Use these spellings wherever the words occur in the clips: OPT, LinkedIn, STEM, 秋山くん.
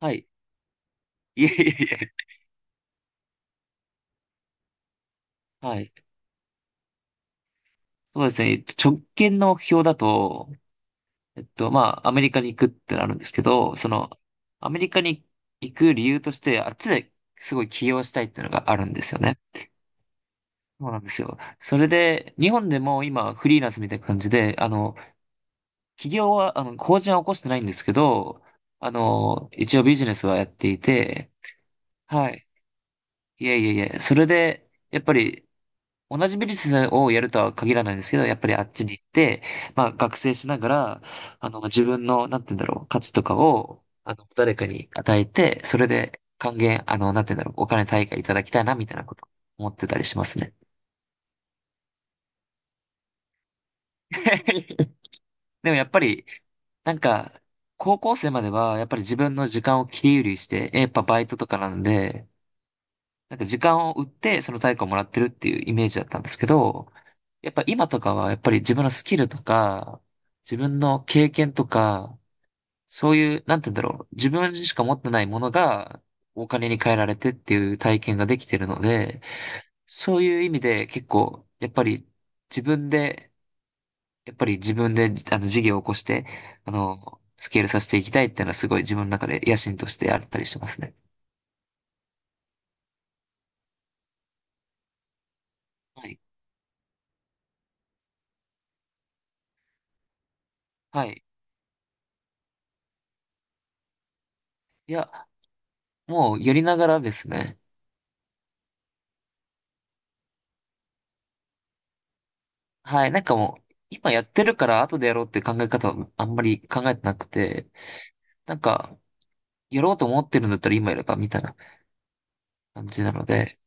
はい。いえいえいえ。はい。そうですね。直近の目標だと、アメリカに行くってなるんですけど、アメリカに行く理由として、あっちですごい起業したいっていうのがあるんですよね。そうなんですよ。それで、日本でも今、フリーランスみたいな感じで、起業は、法人は起こしてないんですけど、一応ビジネスはやっていて、はい。いえいえいえ。それで、やっぱり、同じビジネスをやるとは限らないんですけど、やっぱりあっちに行って、まあ学生しながら、自分の、なんて言うんだろう、価値とかを、誰かに与えて、それで還元、あの、なんて言うんだろう、お金対価いただきたいな、みたいなこと思ってたりしますね。でもやっぱり、なんか、高校生までは、やっぱり自分の時間を切り売りして、やっぱバイトとかなんで、なんか時間を売って、その対価をもらってるっていうイメージだったんですけど、やっぱ今とかは、やっぱり自分のスキルとか、自分の経験とか、そういう、なんて言うんだろう、自分しか持ってないものが、お金に換えられてっていう体験ができてるので、そういう意味で結構、やっぱり自分で、自分で、事業を起こして、スケールさせていきたいっていうのはすごい自分の中で野心としてあったりしますね。はい。はい。いや、もうやりながらですね。はい、なんかもう、今やってるから後でやろうっていう考え方はあんまり考えてなくて、なんか、やろうと思ってるんだったら今やればみたいな感じなので、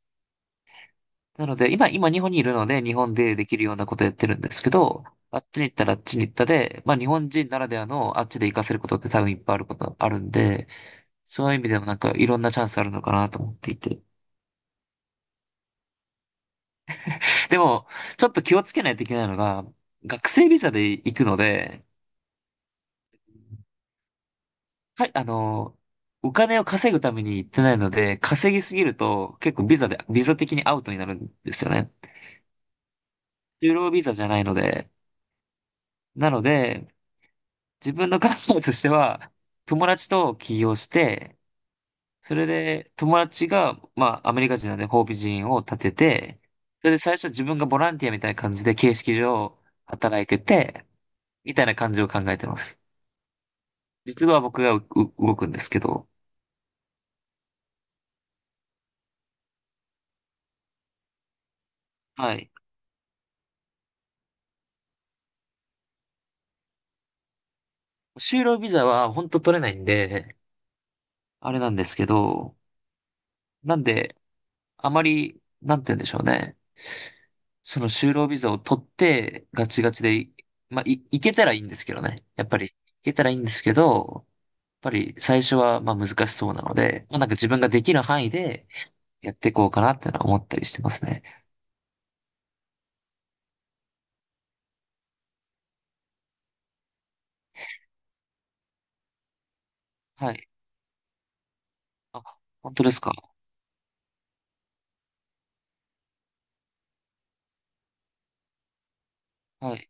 なので、今日本にいるので、日本でできるようなことやってるんですけど、あっちに行ったらあっちに行ったで、まあ日本人ならではのあっちで活かせることって多分いっぱいあることあるんで、そういう意味でもなんかいろんなチャンスあるのかなと思っていて。でも、ちょっと気をつけないといけないのが、学生ビザで行くので、かあの、お金を稼ぐために行ってないので、稼ぎすぎると結構ビザ的にアウトになるんですよね。就労ビザじゃないので。なので、自分の考えとしては、友達と起業して、それで友達が、まあ、アメリカ人なので法人を立てて、それで最初自分がボランティアみたいな感じで形式上働いてて、みたいな感じを考えてます。実は僕がうう動くんですけど、はい。就労ビザは本当取れないんで、あれなんですけど、なんで、あまり、なんて言うんでしょうね。その就労ビザを取って、ガチガチで、いけたらいいんですけどね。やっぱり、いけたらいいんですけど、やっぱり最初はまあ難しそうなので、まあ、なんか自分ができる範囲でやっていこうかなってのは思ったりしてますね。はい。あ、本当ですか。はい。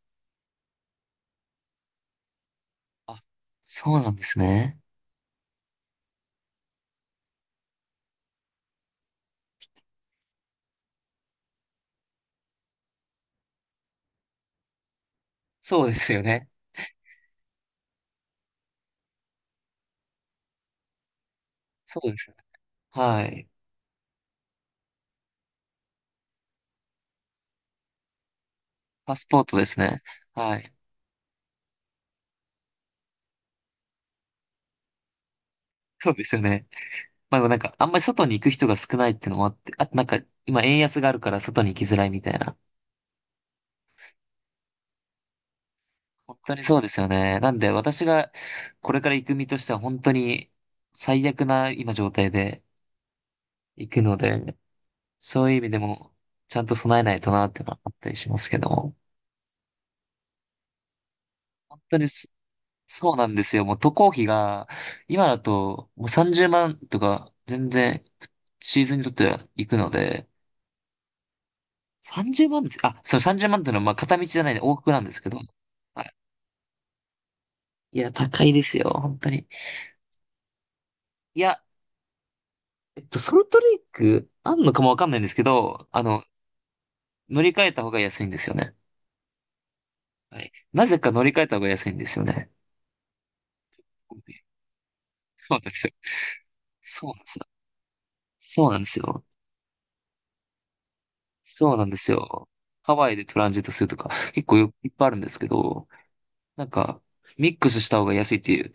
あ、そうなんですね。そうですよね。そうですね。はい。パスポートですね。はい。そうですよね。あんまり外に行く人が少ないっていうのもあって、あとなんか、今円安があるから外に行きづらいみたいな。本当にそうですよね。なんで私がこれから行く身としては本当に最悪な今状態で行くので、そういう意味でもちゃんと備えないとなっていうのはあったりしますけども。本当にそそうなんですよ。もう渡航費が今だともう30万とか全然シーズンにとっては行くので、30万です、あ、そう30万っていうのはまあ片道じゃないで往復なんですけど、はいいや、高いですよ、本当に。いや、ソルトレイク、あんのかもわかんないんですけど、乗り換えた方が安いんですよね。はい。なぜか乗り換えた方が安いんですよね。そうなんですよ。そうなんですよ。そうなんですよ。そうなんですよ。ハワイでトランジットするとか、結構よいっぱいあるんですけど、なんか、ミックスした方が安いっていう、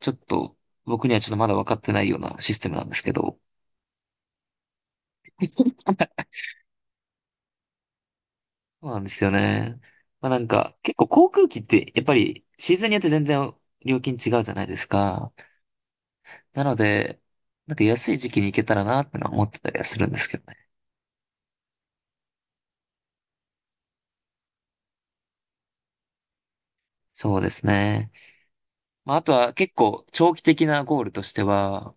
ちょっと、僕にはちょっとまだ分かってないようなシステムなんですけど、そうなんですよね。結構航空機って、やっぱりシーズンによって全然料金違うじゃないですか。なので、なんか安い時期に行けたらなってのは思ってたりはするんですけどね。そうですね。まああとは結構長期的なゴールとしては、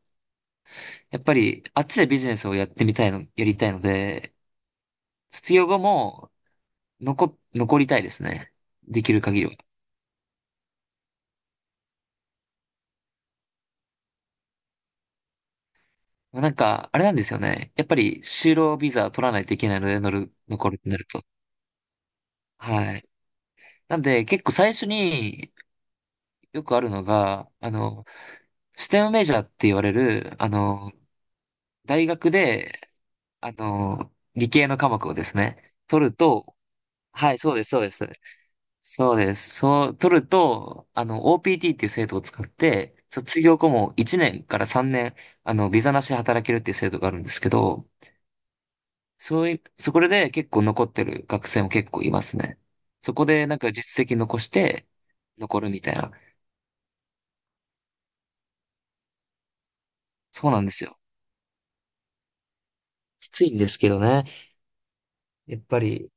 やっぱりあっちでビジネスをやりたいので、卒業後も残りたいですね。できる限りは。あれなんですよね。やっぱり就労ビザ取らないといけないので、残るってなると。はい。なんで、結構最初によくあるのが、ステムメジャーって言われる、大学で、理系の科目をですね、取ると、はい、そうです、そうです。そうです。そう、取ると、OPT っていう制度を使って、卒業後も1年から3年、ビザなしで働けるっていう制度があるんですけど、そういう、そこでね結構残ってる学生も結構いますね。そこでなんか実績残して、残るみたいな。そうなんですよ。きついんですけどね。やっぱり、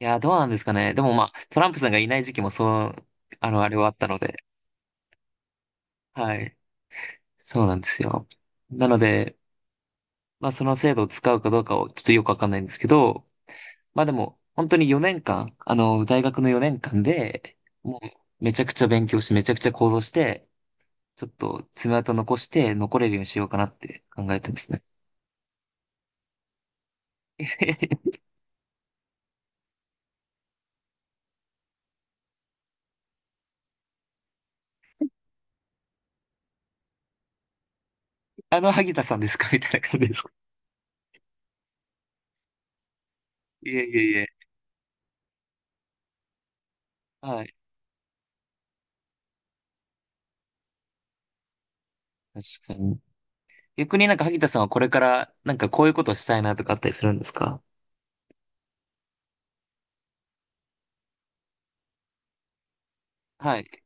いや、どうなんですかね。でもまあ、トランプさんがいない時期もそう、あの、あれはあったので、はい。そうなんですよ。なので、まあ、その制度を使うかどうかをちょっとよくわかんないんですけど、まあでも、本当に4年間、大学の4年間で、もう、めちゃくちゃ勉強して、めちゃくちゃ行動して、ちょっと爪痕残して残れるようにしようかなって考えてますね。萩田さんですかみたいな感じですか。いえいえいえ。はい。確かに。逆になんか萩田さんはこれからなんかこういうことをしたいなとかあったりするんですか？はい。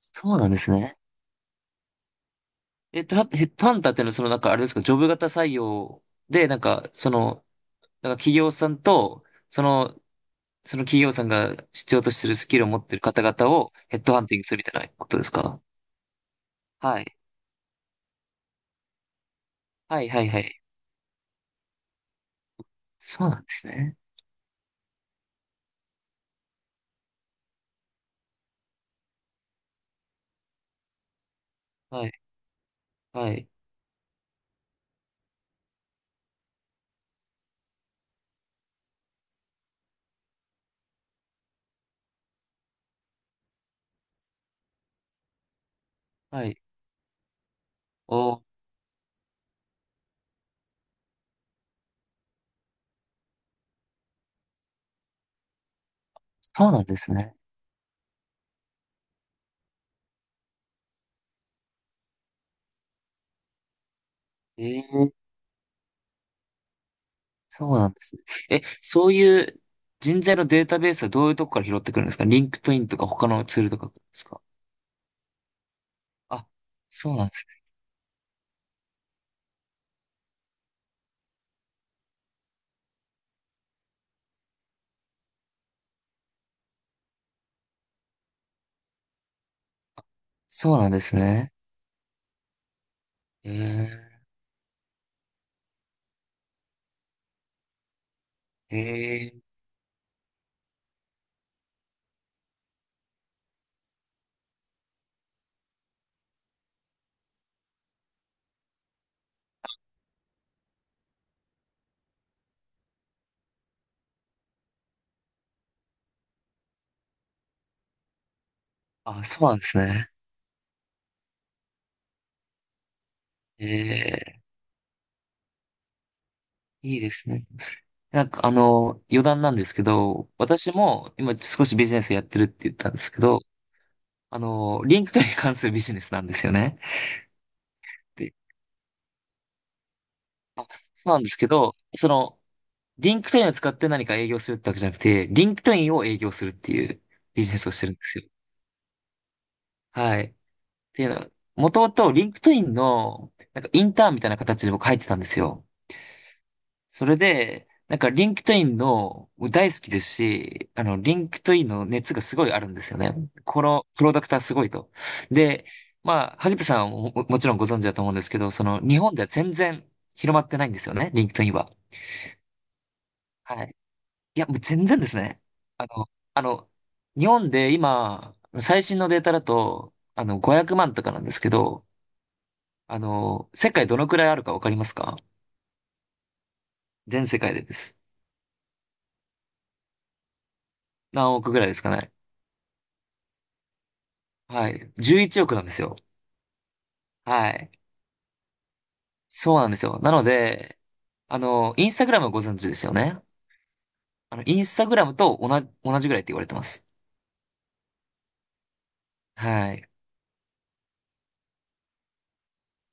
そうなんですね。ヘッドハンターっていうのはそのなんかあれですか、ジョブ型採用で、なんか企業さんと、その、その企業さんが必要としてるスキルを持ってる方々をヘッドハンティングするみたいなことですか？はい。はいはいはい。そうなんですね。はい。はい。はい。おー、そうなんですね。ええそうなんですね。え、そういう人材のデータベースはどういうとこから拾ってくるんですか？リンクトインとか他のツールとかですか？あ、そうなんですね。そうなんですね。えー、えー、あ、そうなんですね。ええ。いいですね。あの、余談なんですけど、私も今少しビジネスやってるって言ったんですけど、リンクトインに関するビジネスなんですよね。あ、そうなんですけど、リンクトインを使って何か営業するってわけじゃなくて、リンクトインを営業するっていうビジネスをしてるんですよ。はい。っていうのは、もともとリンクトインの、なんかインターンみたいな形で僕入ってたんですよ。それで、なんかリンクトインの、僕大好きですし、リンクトインの熱がすごいあるんですよね。このプロダクターすごいと。で、まあ、萩田さんはもちろんご存知だと思うんですけど、日本では全然広まってないんですよね、リンクトインは。はいいや、もう全然ですね。あの、あの、日本で今、最新のデータだと、500万とかなんですけど、世界どのくらいあるかわかりますか？全世界でです。何億ぐらいですかね。はい。11億なんですよ。はい。そうなんですよ。なので、インスタグラムご存知ですよね。インスタグラムと同じぐらいって言われてます。はい。